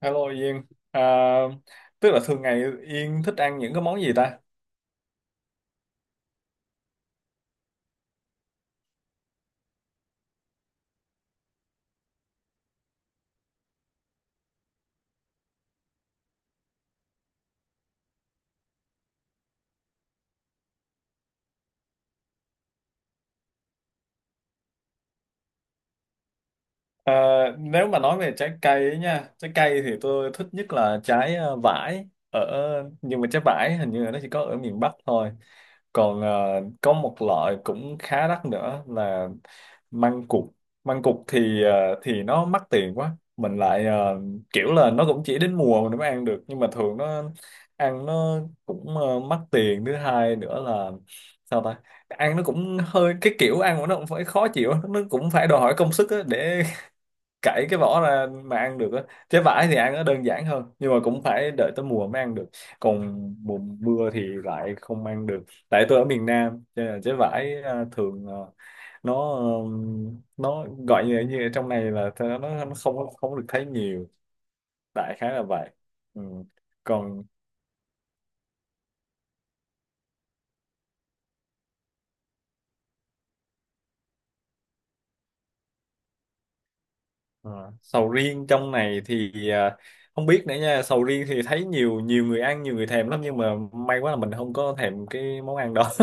Hello Yên, à, tức là thường ngày Yên thích ăn những cái món gì ta? À, Nếu mà nói về trái cây ấy nha, trái cây thì tôi thích nhất là trái vải ở, nhưng mà trái vải hình như là nó chỉ có ở miền Bắc thôi. Còn có một loại cũng khá đắt nữa là măng cụt. Măng cụt thì thì nó mắc tiền quá, mình lại kiểu là nó cũng chỉ đến mùa mình mới ăn được, nhưng mà thường nó ăn nó cũng mắc tiền. Thứ hai nữa là sao ta ăn nó cũng hơi, cái kiểu ăn của nó cũng phải khó chịu, nó cũng phải đòi hỏi công sức á để cải cái vỏ ra mà ăn được á. Trái vải thì ăn nó đơn giản hơn, nhưng mà cũng phải đợi tới mùa mới ăn được, còn mùa mưa thì lại không ăn được. Tại tôi ở miền Nam cho nên là trái vải thường nó gọi như, như ở trong này là nó không không được thấy nhiều. Đại khái là vậy. Ừ. Còn... Ờ, sầu riêng trong này thì không biết nữa nha, sầu riêng thì thấy nhiều nhiều người ăn, nhiều người thèm lắm, nhưng mà may quá là mình không có thèm cái món ăn đó.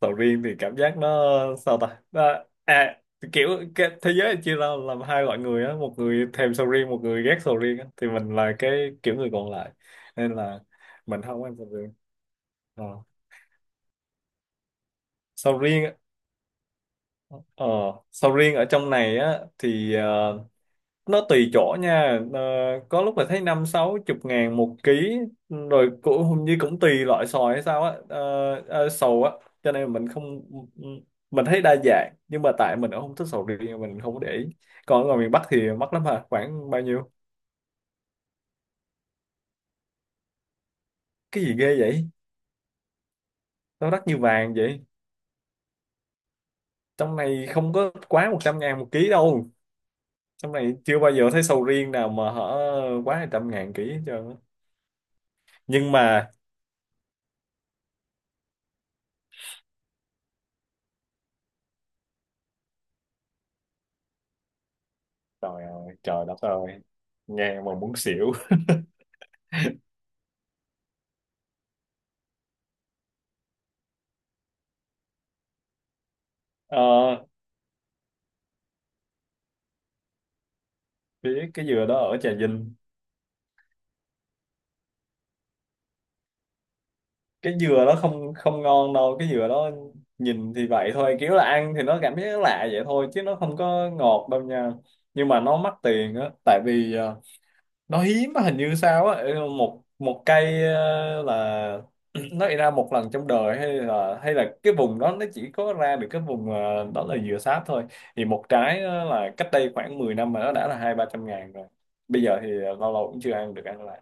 Sầu riêng thì cảm giác nó sao ta Nó- à kiểu, cái thế giới chia ra làm hai loại người á, một người thèm sầu riêng, một người ghét sầu riêng á. Thì mình là cái kiểu người còn lại, nên là mình không ăn sầu riêng. Ờ. Sầu riêng á, ờ, sầu riêng ở trong này á thì nó tùy chỗ nha. Ờ, có lúc là thấy năm sáu chục ngàn một ký, rồi cũng hình như cũng tùy loại sòi hay sao á. Ờ, ờ, sầu á Cho nên mình không, mình thấy đa dạng, nhưng mà tại mình cũng không thích sầu riêng, mình không có để ý. Còn ở ngoài miền Bắc thì mắc lắm hả, khoảng bao nhiêu? Cái gì ghê vậy? Nó đắt như vàng vậy. Trong này không có quá 100.000 một ký đâu. Trong này chưa bao giờ thấy sầu riêng nào mà hở quá 200.000 ký hết trơn á. Nhưng mà trời ơi, trời đất ơi, nghe mà muốn xỉu. Ờ, biết cái dừa đó ở Trà Vinh. Cái dừa đó không không ngon đâu, cái dừa đó nhìn thì vậy thôi, kiểu là ăn thì nó cảm giác lạ vậy thôi, chứ nó không có ngọt đâu nha. Nhưng mà nó mắc tiền á, tại vì nó hiếm á, hình như sao á. Ừ, một một cây là nó ra một lần trong đời, hay là cái vùng đó nó chỉ có ra được cái vùng đó là dừa sáp thôi. Thì một trái á là cách đây khoảng 10 năm mà nó đã là 200-300 nghìn rồi. Bây giờ thì lâu lâu cũng chưa ăn được ăn lại.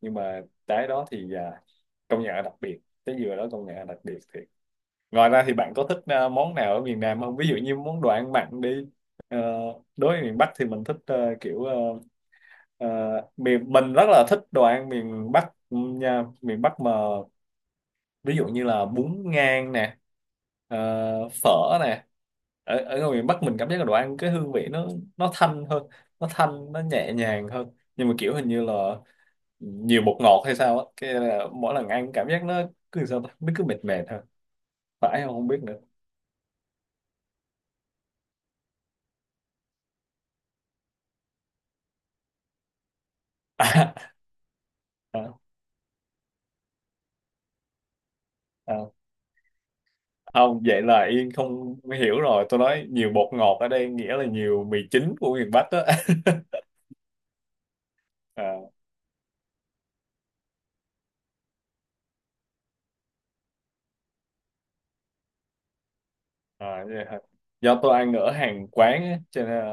Nhưng mà trái đó thì công nhận là đặc biệt. Trái dừa đó công nhận là đặc biệt thiệt. Ngoài ra thì bạn có thích món nào ở miền Nam không, ví dụ như món đồ ăn mặn đi? Ờ, Đối với miền Bắc thì mình thích ờ, miền mình rất là thích đồ ăn miền Bắc nha, miền Bắc mà. Ví dụ như là bún ngan nè, ờ, phở nè. Ở, ở ngoài miền Bắc mình cảm giác là đồ ăn cái hương vị nó thanh hơn, nó thanh nó nhẹ nhàng hơn. Nhưng mà kiểu hình như là nhiều bột ngọt hay sao á, cái là mỗi lần ăn cảm giác nó cứ sao ta nó cứ mệt mệt thôi, phải không, không biết nữa. à, à, à. Không, vậy là Yên không hiểu rồi, tôi nói nhiều bột ngọt ở đây nghĩa là nhiều mì chính của miền Bắc á. à. À, vậy hả? Do tôi ăn ở hàng quán á, cho nên là,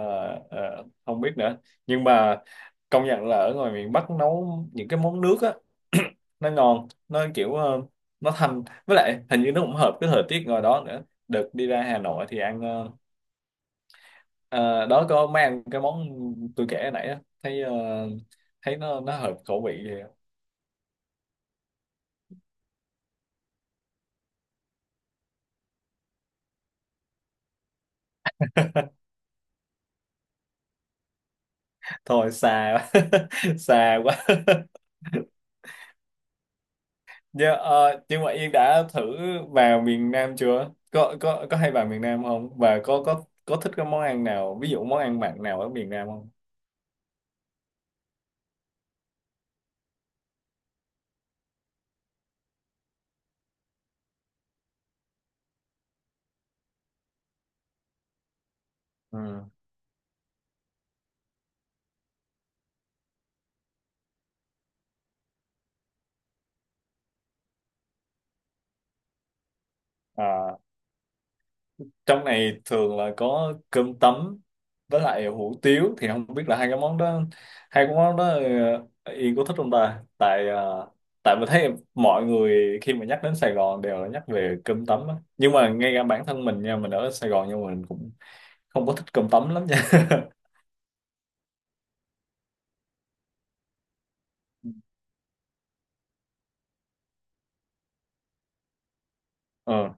không biết nữa. Nhưng mà công nhận là ở ngoài miền Bắc nấu những cái món nước á, nó ngon, nó kiểu nó thanh, với lại hình như nó cũng hợp cái thời tiết ngoài đó nữa. Đợt đi ra Hà Nội thì ăn ờ, đó có mấy ăn cái món tôi kể hồi nãy á, thấy thấy nó hợp khẩu vị vậy. Thôi xa quá, xa quá. Dạ, nhưng mà Yên đã thử vào miền Nam chưa? Có hay vào miền Nam không? Và có thích cái món ăn nào, ví dụ món ăn mặn nào ở miền Nam không? Ừ. À, trong này thường là có cơm tấm với lại hủ tiếu, thì không biết là hai cái món đó Yên có thích không ta? Tại tại mình thấy mọi người khi mà nhắc đến Sài Gòn đều là nhắc về cơm tấm á. Nhưng mà ngay cả bản thân mình nha, mình ở Sài Gòn nhưng mà mình cũng không có thích cơm tấm lắm nha. Ờ.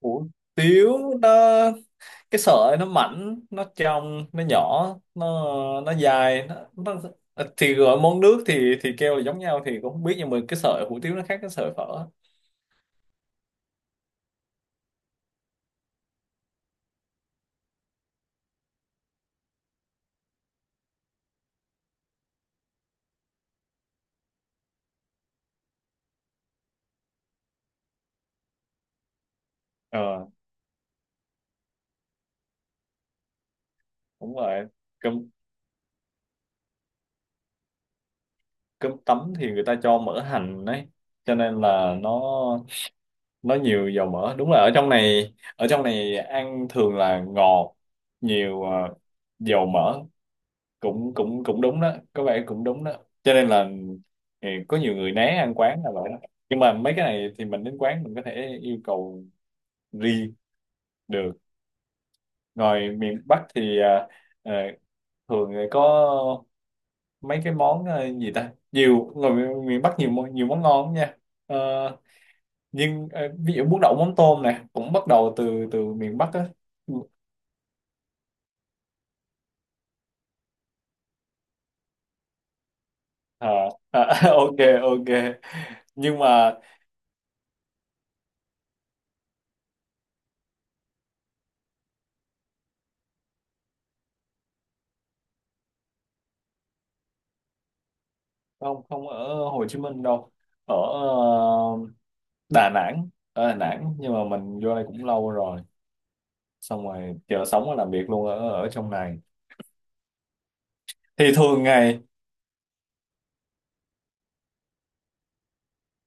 Ủa, tiếu nó, cái sợi nó mảnh, nó trong, nó nhỏ, nó nó dài nó thì gọi món nước thì kêu là giống nhau thì cũng không biết, nhưng mà cái sợi hủ tiếu nó khác cái sợi phở. Ờ đúng rồi. Cơm cơm tấm thì người ta cho mỡ hành đấy, cho nên là nó nhiều dầu mỡ. Đúng là ở trong này, ở trong này ăn thường là ngọt nhiều dầu mỡ. Cũng cũng cũng đúng đó, có vẻ cũng đúng đó. Cho nên là ừ, có nhiều người né ăn quán là vậy đó. Nhưng mà mấy cái này thì mình đến quán mình có thể yêu cầu riêng được. Ngoài miền Bắc thì à, thường thì có mấy cái món gì ta, nhiều ngoài miền miền Bắc nhiều món ngon lắm nha. Ờ, nhưng ví dụ bún đậu mắm tôm này cũng bắt đầu từ từ miền Bắc á. Ờ, ờ, ok ok, nhưng mà không, không ở Hồ Chí Minh đâu, ở Đà Nẵng, ở Đà Nẵng, nhưng mà mình vô đây cũng lâu rồi, xong rồi giờ sống và làm việc luôn ở ở trong này. Thì thường ngày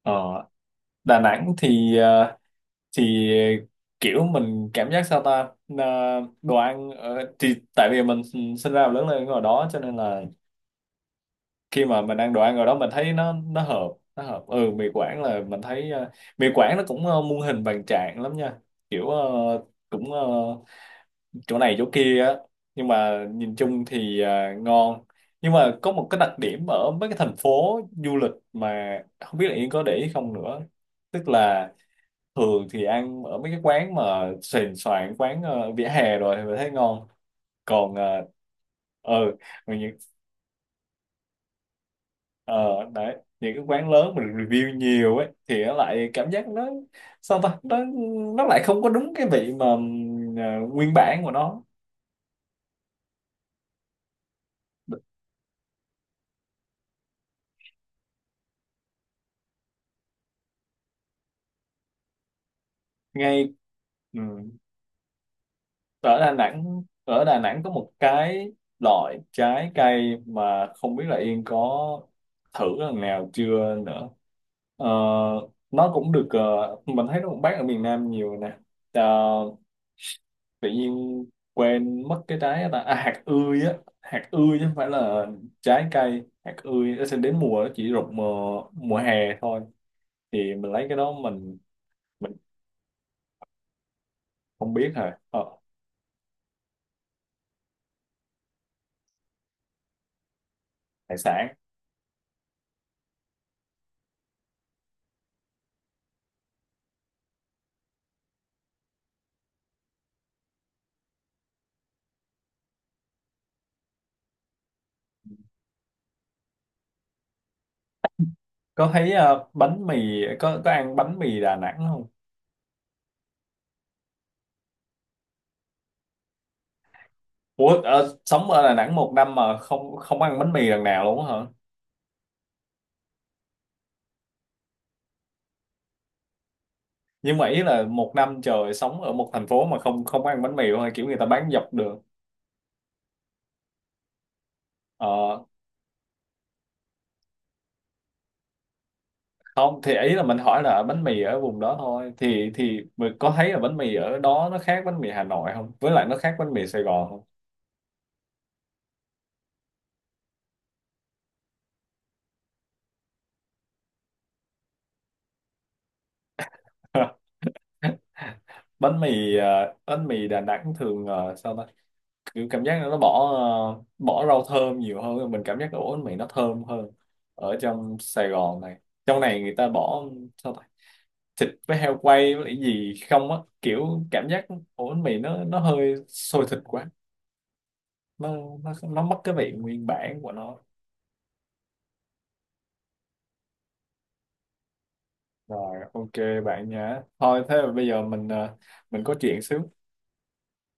ở Đà Nẵng thì thì kiểu mình cảm giác Ờ, đồ ăn ở, thì tại vì mình sinh ra và lớn lên ở đó cho nên là khi mà mình ăn đồ ăn ở đó mình thấy nó hợp, nó hợp. Ừ, mì Quảng là mình thấy mì Quảng nó cũng muôn hình vạn trạng lắm nha, kiểu cũng ờ, chỗ này chỗ kia á, nhưng mà nhìn chung thì ngon. Nhưng mà có một cái đặc điểm ở mấy cái thành phố du lịch mà không biết là Yên có để ý không nữa, tức là thường thì ăn ở mấy cái quán mà sền soạn, quán vỉa hè rồi thì mình thấy ngon. Còn ờ mà những ờ đấy, những cái quán lớn mà được review nhiều ấy thì nó lại cảm giác nó sao ta nó lại không có đúng cái vị mà nguyên bản của nó. Ngay ừ. Ở Đà Nẵng, ở Đà Nẵng có một cái loại trái cây mà không biết là Yên có thử lần nào chưa nữa. Ờ, nó cũng được, mình thấy nó cũng bán ở miền Nam nhiều nè. Ờ, Tự nhiên quên mất cái trái đó ta. Hạt ươi á, hạt ươi, chứ không phải là trái cây. Hạt ươi nó sẽ đến mùa, nó chỉ rụng mùa mùa hè thôi, thì mình lấy cái đó mình không biết rồi. Ờ, Hải sản. Có thấy bánh mì, có ăn bánh mì Đà Nẵng không? Ủa sống ở Đà Nẵng một năm mà không không ăn bánh mì lần nào luôn á hả? Nhưng mà ý là một năm trời sống ở một thành phố mà không không ăn bánh mì luôn, hay kiểu người ta bán dọc đường? ờ, Không, thì ý là mình hỏi là bánh mì ở vùng đó thôi, thì mình có thấy là bánh mì ở đó nó khác bánh mì Hà Nội không, với lại nó khác bánh mì Sài Gòn không? Bánh mì bánh mì Đà Nẵng thường ờ, sao ta kiểu cảm giác nó bỏ bỏ rau thơm nhiều hơn, mình cảm giác ổ bánh mì nó thơm hơn. Ở trong Sài Gòn này, trong này người ta bỏ sao ta thịt với heo quay với lại gì không á, kiểu cảm giác ổ bánh mì nó hơi sôi thịt quá, nó nó mất cái vị nguyên bản của nó. Rồi ok bạn nhá, thôi thế là bây giờ mình mình có chuyện xíu